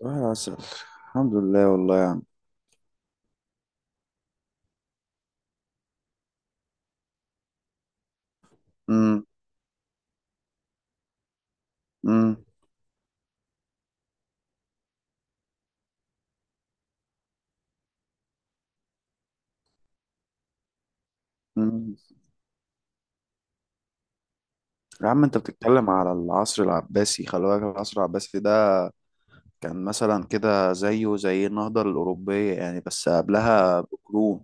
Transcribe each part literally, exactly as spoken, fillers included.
صباح العسل. الحمد لله والله يا عم. امم. امم. أمم. يا عم، انت بتتكلم على العصر العباسي. خلي بالك، العصر العباسي ده كان مثلا كده زيه زي النهضة الأوروبية يعني، بس قبلها بقرون.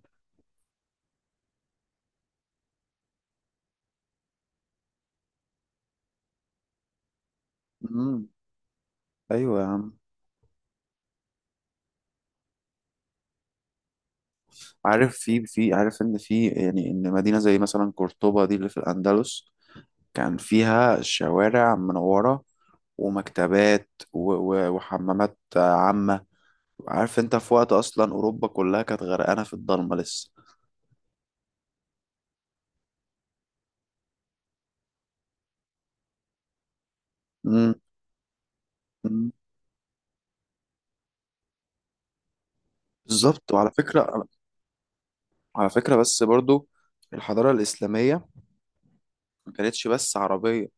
امم. ايوه يا عم. عارف في في عارف ان في، يعني ان مدينة زي مثلا قرطبة دي اللي في الأندلس كان فيها شوارع منورة، ومكتبات و- و- وحمامات عامة. عارف انت، في وقت اصلا أوروبا كلها كانت غرقانة في الضلمة لسه. مم. بالظبط، وعلى فكرة على فكرة، بس برضو الحضارة الإسلامية ما كانتش بس عربية.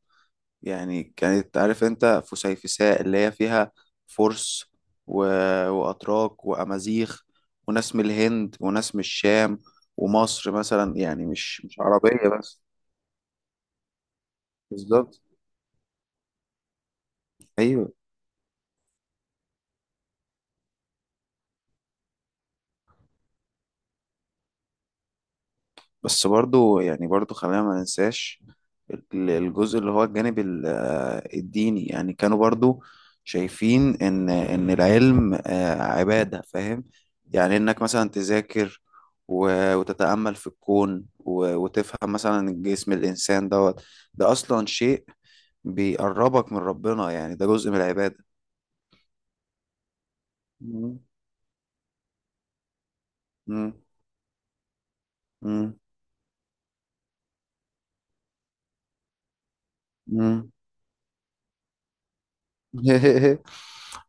يعني كانت، عارف أنت، فسيفساء اللي هي فيها فرس و... وأتراك وأمازيغ، وناس من الهند وناس من الشام ومصر مثلا، يعني مش مش عربية بس. بالظبط. أيوه. بس برضو، يعني برضو خلينا ما ننساش ال- الجزء اللي هو الجانب ال- آه، الديني. يعني كانوا برضو شايفين ان ان العلم آه، عبادة، فاهم. يعني انك مثلا تذاكر و- وتتأمل في الكون و- وتفهم مثلا جسم الإنسان دوت. ده أصلا شيء بيقربك من ربنا، يعني ده جزء من العبادة. مم. مم. مم. مم.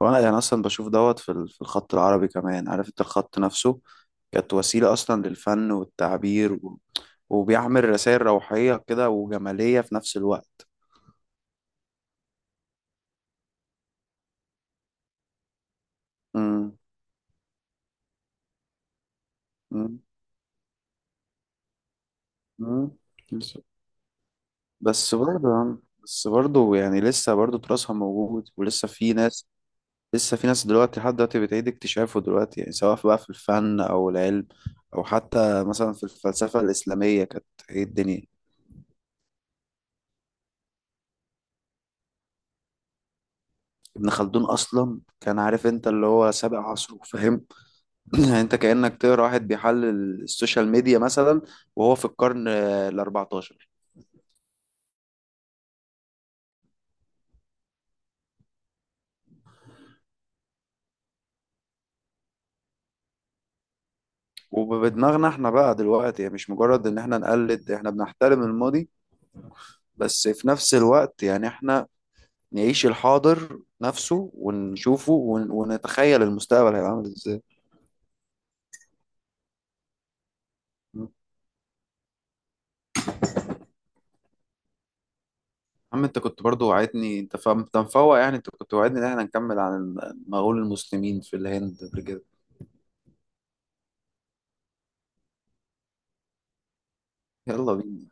وانا يعني اصلا بشوف دوت في ال- في الخط العربي كمان. عارف انت، الخط نفسه كانت وسيله اصلا للفن والتعبير و- وبيعمل رسائل روحيه كده وجماليه في نفس الوقت. مم. مم. مم. بالظبط. بس برضه بس برضه يعني، لسه برضه تراثها موجود ولسه في ناس. لسه في ناس دلوقتي، لحد دلوقتي بتعيد اكتشافه دلوقتي، يعني سواء بقى في الفن او العلم، او حتى مثلا في الفلسفه الاسلاميه كانت ايه الدنيا. ابن خلدون اصلا، كان عارف انت اللي هو سابق عصره، فاهم. يعني انت كأنك تقرا واحد بيحلل السوشيال ميديا مثلا، وهو في القرن ال الرابع عشر. وبدماغنا احنا بقى دلوقتي، يعني مش مجرد ان احنا نقلد، احنا بنحترم الماضي، بس في نفس الوقت يعني احنا نعيش الحاضر نفسه ونشوفه ون- ونتخيل المستقبل هيبقى عامل ازاي. يا عم، انت كنت برضو وعدتني، انت فاهم، انت مفوق. يعني انت كنت وعدتني ان احنا نكمل عن المغول المسلمين في الهند قبل كده. يلا بينا.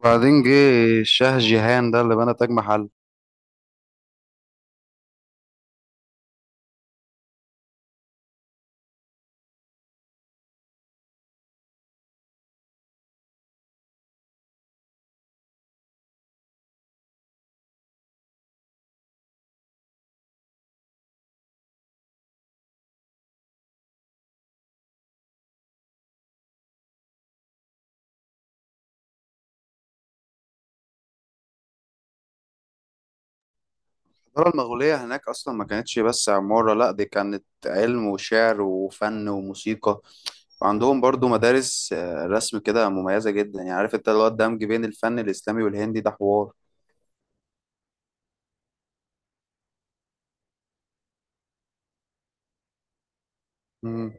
وبعدين جه الشاه جيهان ده اللي بنى تاج محل. الحضارة المغولية هناك أصلا ما كانتش بس عمارة، لأ دي كانت علم وشعر وفن وموسيقى. وعندهم برضو مدارس آه، رسم كده مميزة جدا. يعني عارف انت، اللي هو الدمج بين الفن الإسلامي والهندي ده حوار. مم.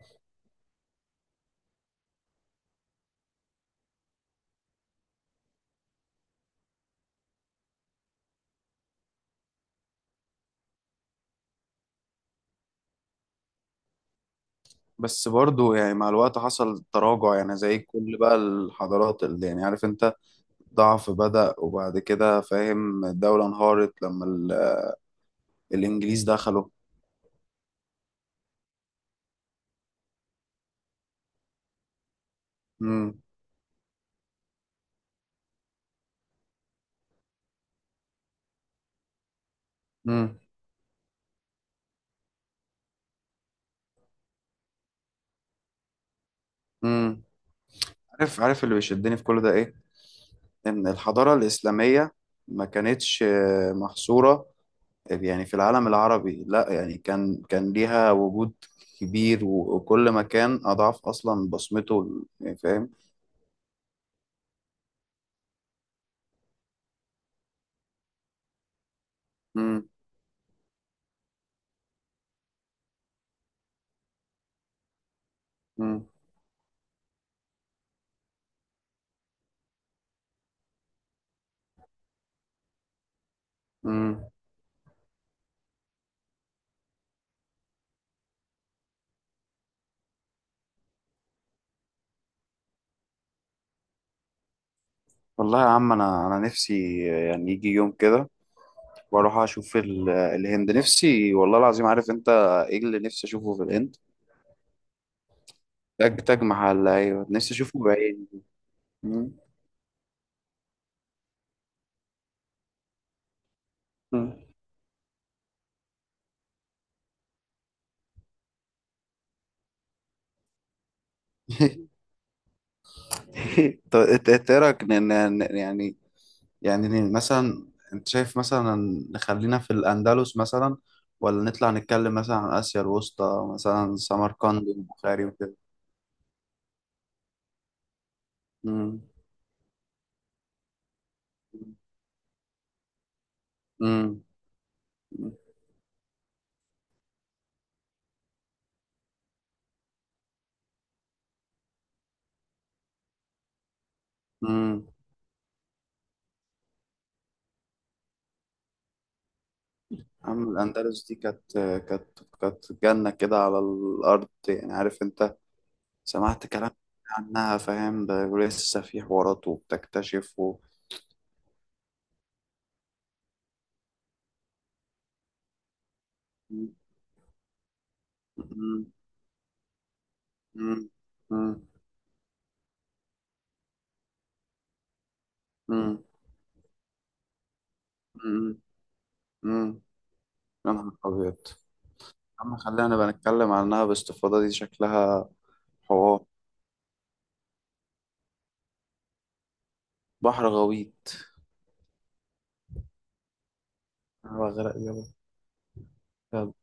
بس برضو يعني مع الوقت حصل تراجع، يعني زي كل بقى الحضارات، اللي يعني عارف انت، ضعف بدأ، وبعد كده فاهم الدولة انهارت لما ال- الإنجليز دخلوا. مم. مم. مم. عارف عارف اللي بيشدني في كل ده ايه. ان الحضارة الإسلامية ما كانتش آه، محصورة، يعني في العالم العربي، لا، يعني كان كان ليها وجود كبير و- وكل مكان أضعاف أصلا بصمته، يعني فاهم. مم. مم. مم. والله يا عم، أنا أنا نفسي يعني يجي يوم كده وأروح أشوف ال- الهند. نفسي والله العظيم، عارف أنت إيه اللي نفسي أشوفه في الهند. تاج تاج محل، أيوه نفسي أشوفه بعيني. مم. مم. طب انت إنت ايه رايك، ن- ن- ن- يعني يعني ن- مثلا، انت شايف مثلا نخلينا في الاندلس مثلا، ولا نطلع نتكلم مثلا عن اسيا الوسطى، مثلا سمرقند والبخاري وكده. امم. امم. امم. عم الاندلس دي كانت، كانت كانت جنه كده على الارض. يعني عارف انت، سمعت كلام عنها، فاهم، ده ولسه في حوارات وبتكتشف و... مم. مم. مم. مم. مم. مم. يا نهار أبيض. يا عم، خلينا بقى نتكلم عنها باستفاضة، دي شكلها حوار. بحر غويط. أنا بغرق يابا. يلا.